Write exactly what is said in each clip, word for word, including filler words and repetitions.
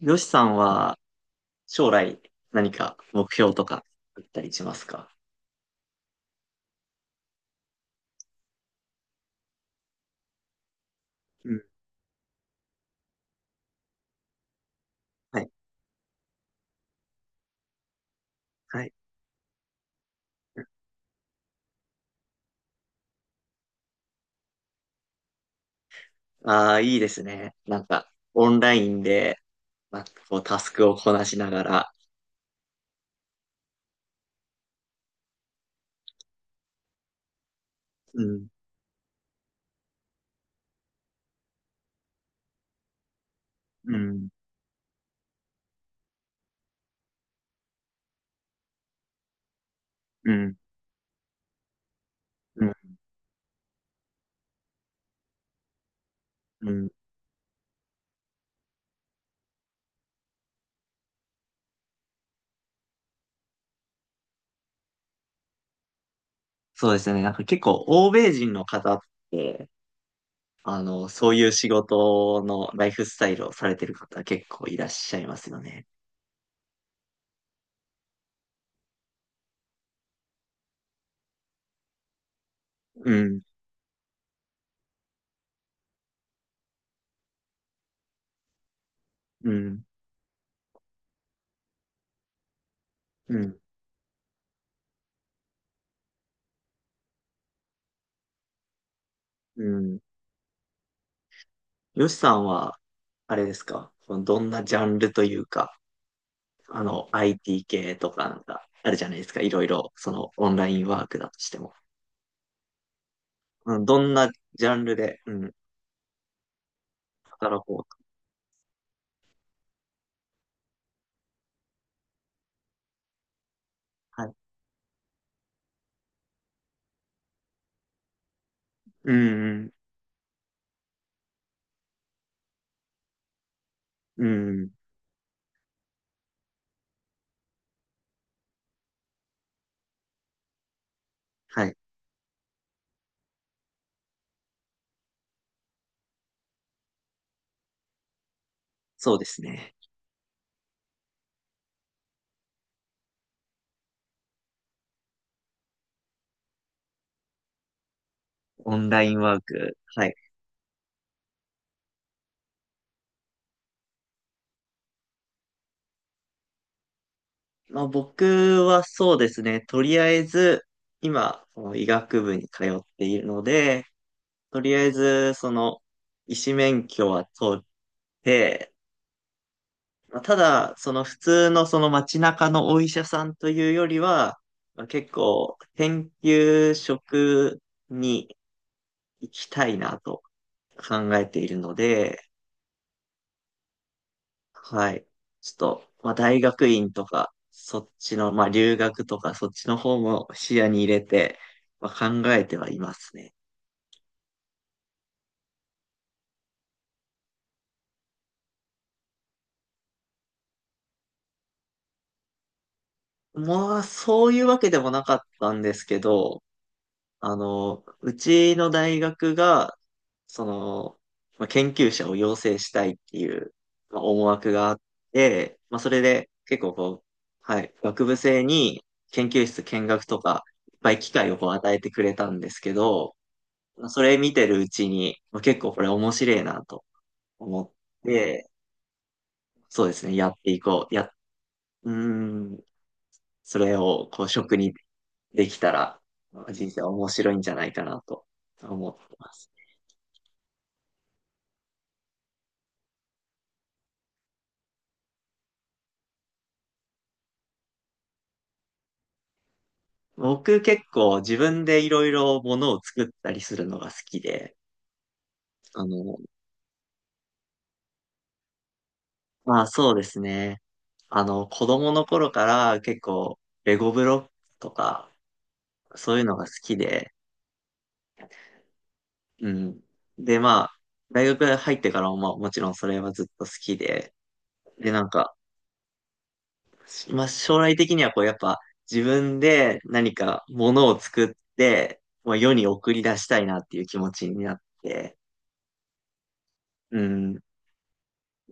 よしさんは将来何か目標とかあったりしますか？うん。はい。はい。ああ、いいですね。なんか、オンラインで、まあ、こう、タスクをこなしながら。うん。うん。うん。うん。うん。そうですね。なんか結構、欧米人の方って、あの、そういう仕事のライフスタイルをされてる方結構いらっしゃいますよね。うん。うん。うん。うん。よしさんは、あれですか？どんなジャンルというか、あの、アイティー 系とかなんか、あるじゃないですか。いろいろ、その、オンラインワークだとしても。うん、どんなジャンルで、うん、働こうと。はい。うん、うん、うん。はい。そうですね。オンラインワーク。はい。まあ、僕はそうですね。とりあえず、今、その医学部に通っているので、とりあえず、その、医師免許は取って、まあただ、その普通のその街中のお医者さんというよりは、まあ結構研究職に行きたいなと考えているので、はい。ちょっと、まあ大学院とか、そっちの、まあ留学とかそっちの方も視野に入れて、まあ考えてはいますね。まあそういうわけでもなかったんですけど、あの、うちの大学が、その、まあ、研究者を養成したいっていう、まあ、思惑があって、まあ、それで結構こう、はい、学部生に研究室見学とか、いっぱい機会をこう与えてくれたんですけど、まあ、それ見てるうちに、まあ、結構これ面白いなと思って、そうですね、やっていこう。や、うーん、それをこう職にできたら、まあ人生面白いんじゃないかなと思ってます。僕結構自分でいろいろものを作ったりするのが好きで、あの、まあそうですね。あの、子供の頃から結構レゴブロックとかそういうのが好きで、うん。で、まあ、大学入ってからもまあもちろんそれはずっと好きで、で、なんか、まあ将来的にはこうやっぱ自分で何かものを作って、まあ、世に送り出したいなっていう気持ちになって、うん。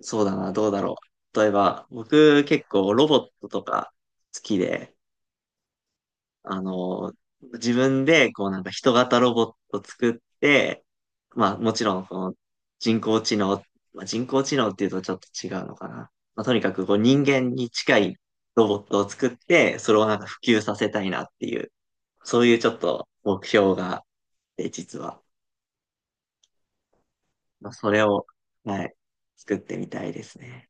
そうだな、どうだろう。例えば、僕結構ロボットとか好きで、あの、自分でこうなんか人型ロボット作って、まあもちろんこの人工知能、まあ、人工知能っていうとちょっと違うのかな。まあ、とにかくこう人間に近いロボットを作って、それをなんか普及させたいなっていう、そういうちょっと目標があって、実は。まあ、それを、はい、作ってみたいですね。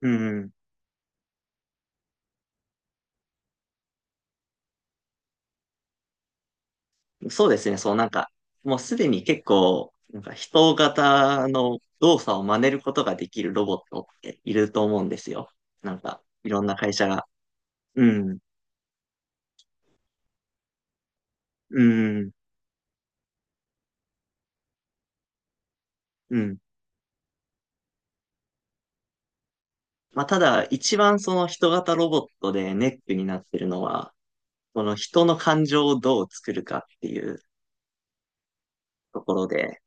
うん。そうですね、そうなんか、もうすでに結構、なんか人型の動作を真似ることができるロボットっていると思うんですよ。なんか、いろんな会社が。うん、うん、うん。まあ、ただ、一番その人型ロボットでネックになってるのは、この人の感情をどう作るかっていうところで、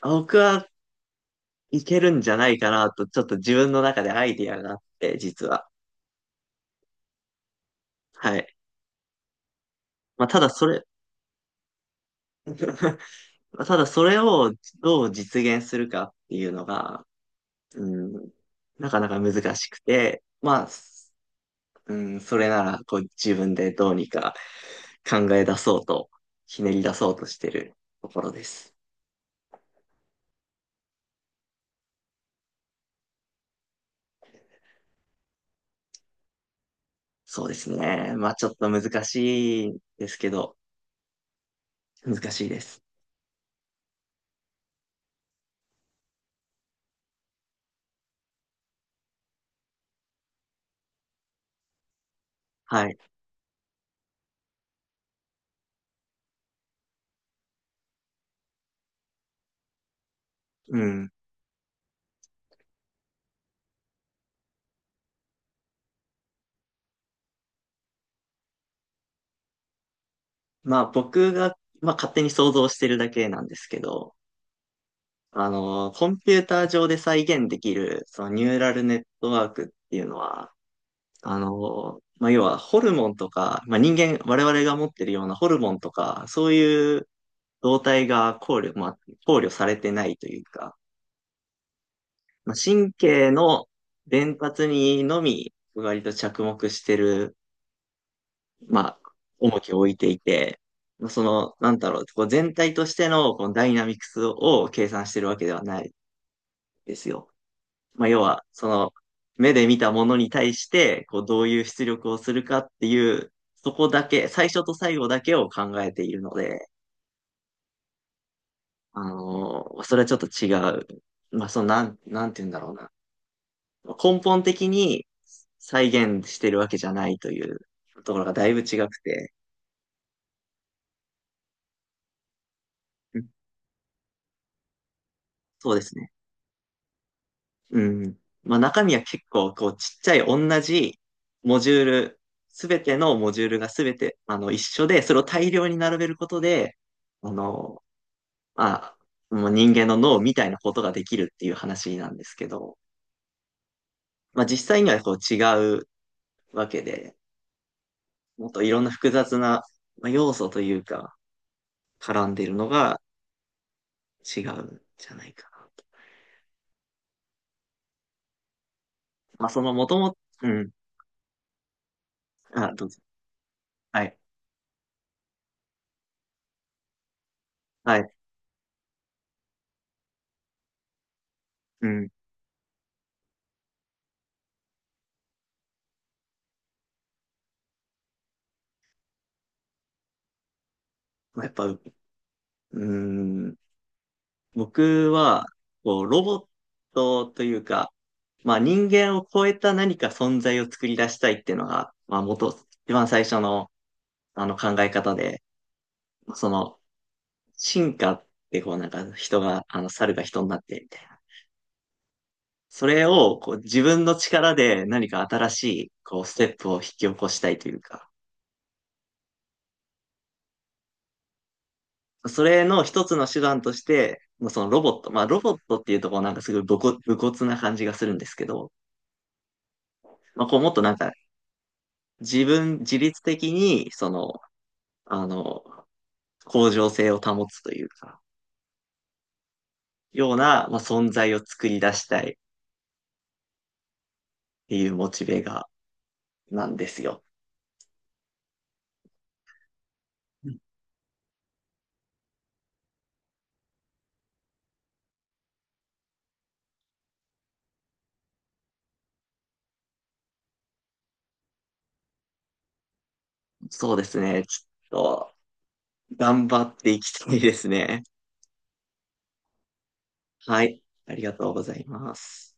あ僕はいけるんじゃないかなと、ちょっと自分の中でアイディアがあって、実は。はい。まあ、ただそれ ただそれをどう実現するかっていうのが、うん、なかなか難しくて、まあ、すうん、それならこう自分でどうにか考え出そうと、ひねり出そうとしてるところです。そうですね。まあちょっと難しいですけど、難しいです。はい。うん。まあ僕が、まあ勝手に想像してるだけなんですけど、あの、コンピューター上で再現できる、そのニューラルネットワークっていうのは、あの、まあ、要はホルモンとか、まあ、人間、我々が持ってるようなホルモンとか、そういう動態が考慮、まあ、考慮されてないというか、まあ、神経の伝達にのみ、割と着目してる、まあ、重きを置いていて、まあ、その、なんだろう、こう全体としてのこのダイナミクスを計算してるわけではないですよ。まあ、要は、その、目で見たものに対して、こう、どういう出力をするかっていう、そこだけ、最初と最後だけを考えているので、あのーそれはちょっと違う。まあ、その、なん、なんて言うんだろうな。根本的に再現してるわけじゃないというところがだいぶ違くて、うん。そうですね。うん。まあ中身は結構こうちっちゃい同じモジュール、すべてのモジュールがすべてあの一緒で、それを大量に並べることで、あの、まあ、もう人間の脳みたいなことができるっていう話なんですけど、まあ実際にはこう違うわけで、もっといろんな複雑なまあ要素というか、絡んでいるのが違うんじゃないかなと。まあそのもともうん。あ、どうぞ。はい。はい。うん。まあやっぱ、うん。僕は、こう、ロボットというか、まあ人間を超えた何か存在を作り出したいっていうのが、まあ元、一番最初のあの考え方で、その進化ってこうなんか人が、あの猿が人になってみたいな。それをこう自分の力で何か新しいこうステップを引き起こしたいというか、それの一つの手段として、まあそのロボット、まあロボットっていうとこうなんかすごい武骨、武骨な感じがするんですけど、まあこうもっとなんか自分、自律的に、その、あの、向上性を保つというか、ような、まあ、存在を作り出したいっていうモチベが、なんですよ。うん。そうですね。ちょっと、頑張っていきたいですね。はい。ありがとうございます。